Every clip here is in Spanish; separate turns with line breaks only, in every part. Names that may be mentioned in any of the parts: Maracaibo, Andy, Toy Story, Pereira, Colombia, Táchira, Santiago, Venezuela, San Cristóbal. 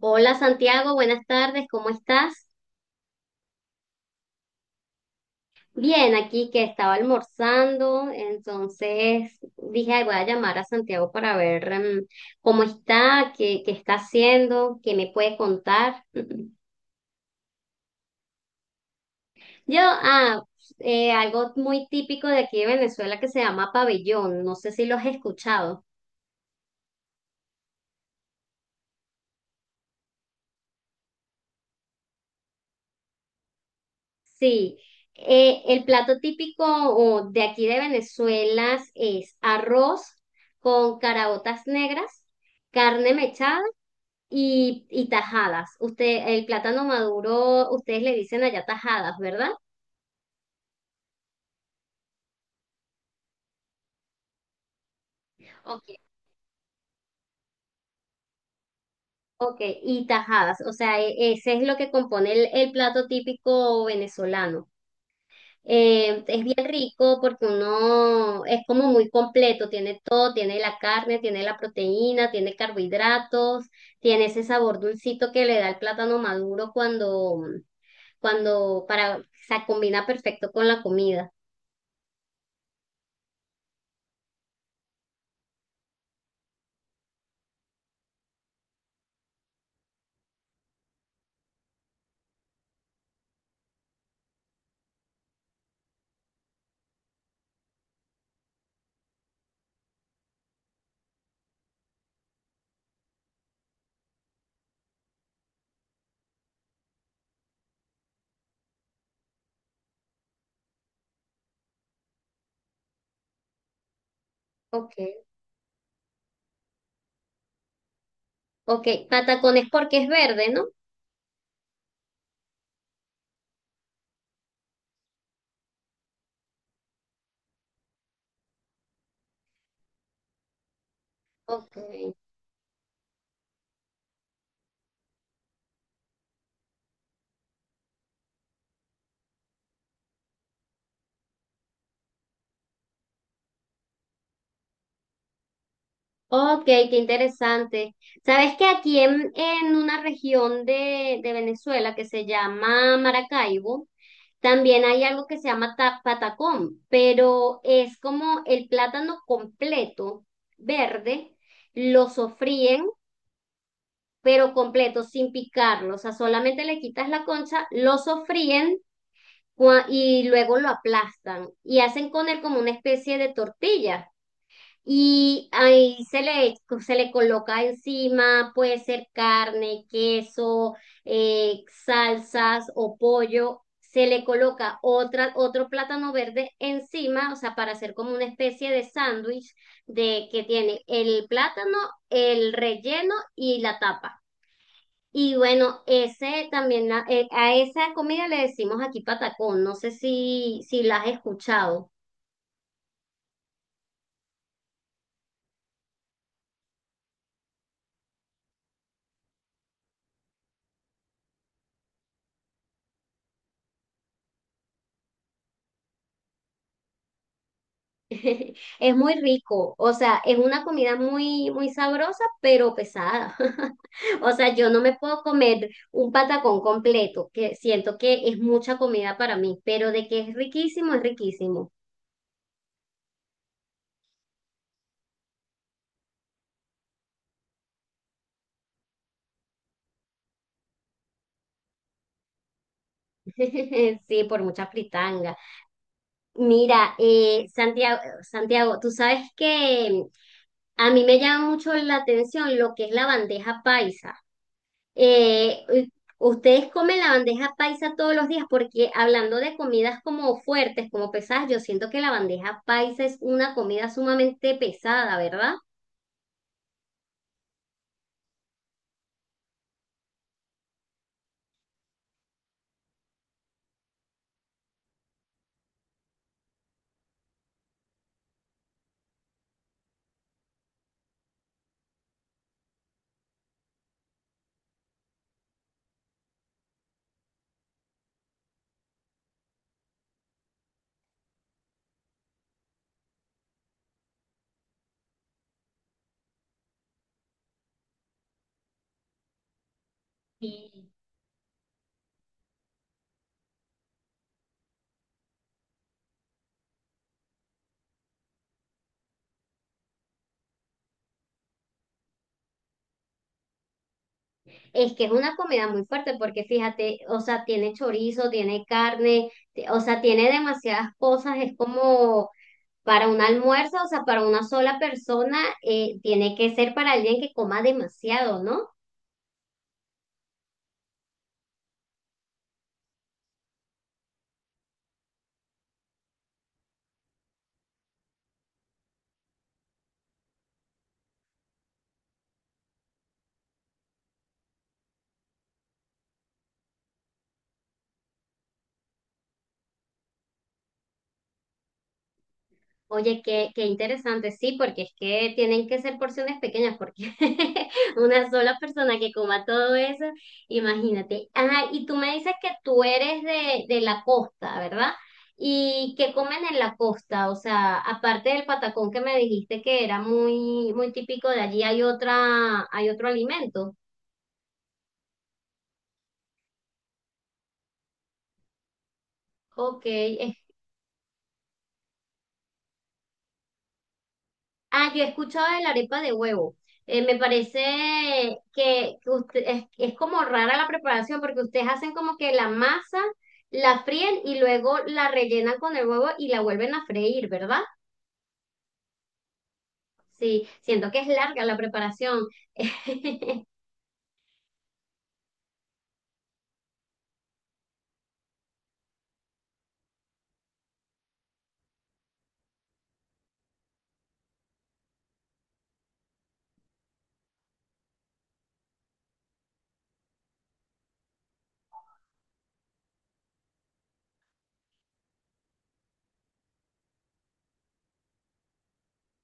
Hola Santiago, buenas tardes, ¿cómo estás? Bien, aquí que estaba almorzando, entonces dije, "Ay, voy a llamar a Santiago para ver cómo está, qué está haciendo, qué me puede contar." Yo, algo muy típico de aquí de Venezuela que se llama pabellón, no sé si lo has escuchado. Sí, el plato típico o, de aquí de Venezuela es arroz con caraotas negras, carne mechada y tajadas. Usted, el plátano maduro, ustedes le dicen allá tajadas, ¿verdad? Ok. Ok, y tajadas, o sea, ese es lo que compone el plato típico venezolano. Es bien rico porque uno es como muy completo, tiene todo, tiene la carne, tiene la proteína, tiene carbohidratos, tiene ese sabor dulcito que le da el plátano maduro cuando se combina perfecto con la comida. Ok. Ok, patacones porque es verde, ¿no? Ok, ok, qué interesante. ¿Sabes que aquí en una región de Venezuela que se llama Maracaibo, también hay algo que se llama patacón, pero es como el plátano completo, verde, lo sofríen, pero completo, sin picarlo, o sea, solamente le quitas la concha, lo sofríen y luego lo aplastan y hacen con él como una especie de tortilla. Y ahí se le coloca encima, puede ser carne, queso, salsas o pollo. Se le coloca otro plátano verde encima, o sea, para hacer como una especie de sándwich de que tiene el plátano, el relleno y la tapa. Y bueno, ese también, a esa comida le decimos aquí patacón. No sé si la has escuchado. Es muy rico, o sea, es una comida muy, muy sabrosa, pero pesada. O sea, yo no me puedo comer un patacón completo, que siento que es mucha comida para mí, pero de que es riquísimo, es riquísimo. Sí, por mucha fritanga. Mira, Santiago, Santiago, tú sabes que a mí me llama mucho la atención lo que es la bandeja paisa. Eh, eh, ¿Ustedes comen la bandeja paisa todos los días? Porque hablando de comidas como fuertes, como pesadas, yo siento que la bandeja paisa es una comida sumamente pesada, ¿verdad? Sí. Es que es una comida muy fuerte porque fíjate, o sea, tiene chorizo, tiene carne, o sea, tiene demasiadas cosas, es como para un almuerzo, o sea, para una sola persona, tiene que ser para alguien que coma demasiado, ¿no? Oye, qué interesante, sí, porque es que tienen que ser porciones pequeñas, porque una sola persona que coma todo eso, imagínate. Ajá, y tú me dices que tú eres de la costa, ¿verdad? ¿Y qué comen en la costa? O sea, aparte del patacón que me dijiste que era muy, muy típico de allí, Hay otro alimento? Ok. Ah, yo he escuchado de la arepa de huevo. Me parece que es como rara la preparación porque ustedes hacen como que la masa, la fríen y luego la rellenan con el huevo y la vuelven a freír, ¿verdad? Sí, siento que es larga la preparación.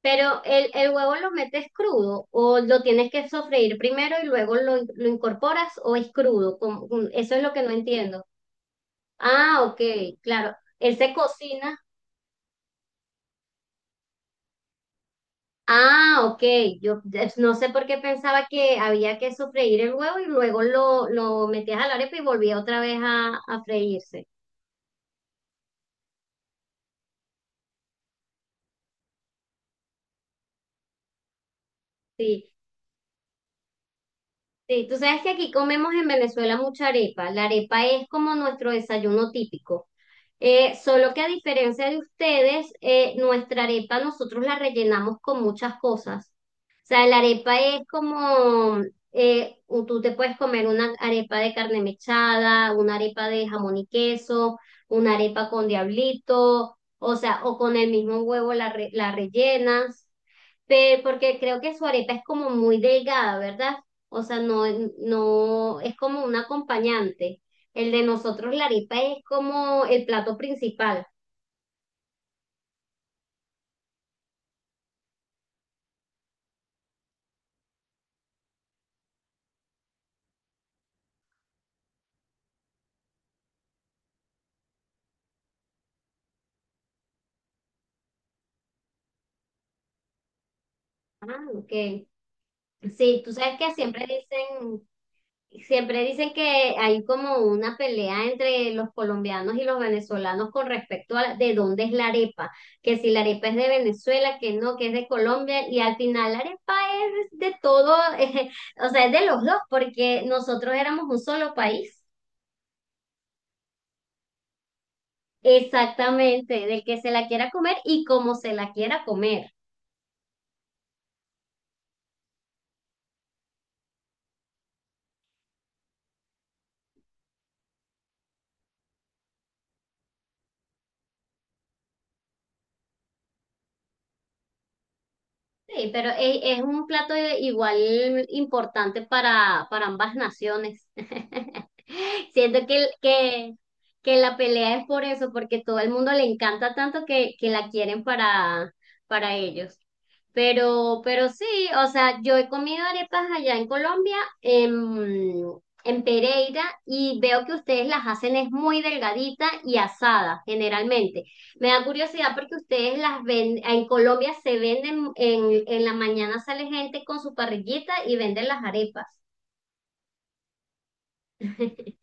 Pero el huevo lo metes crudo o lo tienes que sofreír primero y luego lo incorporas o es crudo. Eso es lo que no entiendo. Ah, ok, claro. Él se cocina. Ah, ok. Yo no sé por qué pensaba que había que sofreír el huevo y luego lo metías a la arepa y volvía otra vez a freírse. Sí, sí. Tú sabes que aquí comemos en Venezuela mucha arepa. La arepa es como nuestro desayuno típico. Solo que a diferencia de ustedes, nuestra arepa nosotros la rellenamos con muchas cosas. O sea, la arepa es como, tú te puedes comer una arepa de carne mechada, una arepa de jamón y queso, una arepa con diablito, o sea, o con el mismo huevo la rellenas. Porque creo que su arepa es como muy delgada, ¿verdad? O sea, no, no es como un acompañante. El de nosotros, la arepa es como el plato principal. Ah, ok. Sí, tú sabes que siempre dicen que hay como una pelea entre los colombianos y los venezolanos con respecto a de dónde es la arepa, que si la arepa es de Venezuela, que no, que es de Colombia, y al final la arepa es de todo, o sea, es de los dos, porque nosotros éramos un solo país, exactamente, del que se la quiera comer y como se la quiera comer. Sí, pero es un plato igual importante para ambas naciones. Siento que la pelea es por eso, porque todo el mundo le encanta tanto que la quieren para ellos. Pero sí, o sea, yo he comido arepas allá en Colombia, en, en Pereira, y veo que ustedes las hacen es muy delgadita y asada, generalmente. Me da curiosidad porque ustedes las ven, en Colombia se venden, en la mañana sale gente con su parrillita y venden las arepas.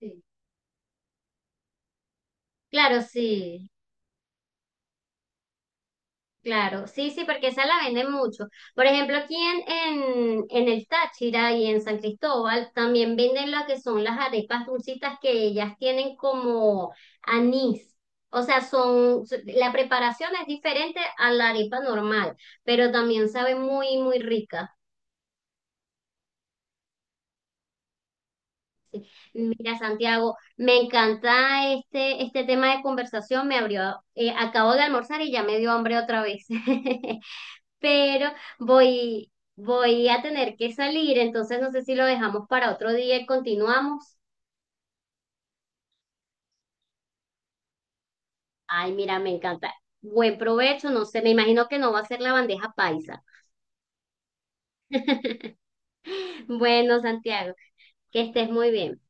Sí. Claro, sí, claro, sí, sí, porque esa la venden mucho. Por ejemplo, aquí en el Táchira y en San Cristóbal también venden lo que son las arepas dulcitas que ellas tienen como anís. O sea, la preparación es diferente a la arepa normal, pero también sabe muy, muy rica. Mira, Santiago, me encanta este tema de conversación. Acabo de almorzar y ya me dio hambre otra vez. Pero voy a tener que salir, entonces no sé si lo dejamos para otro día y continuamos. Ay, mira, me encanta. Buen provecho, no sé, me imagino que no va a ser la bandeja paisa. Bueno, Santiago, que estés muy bien.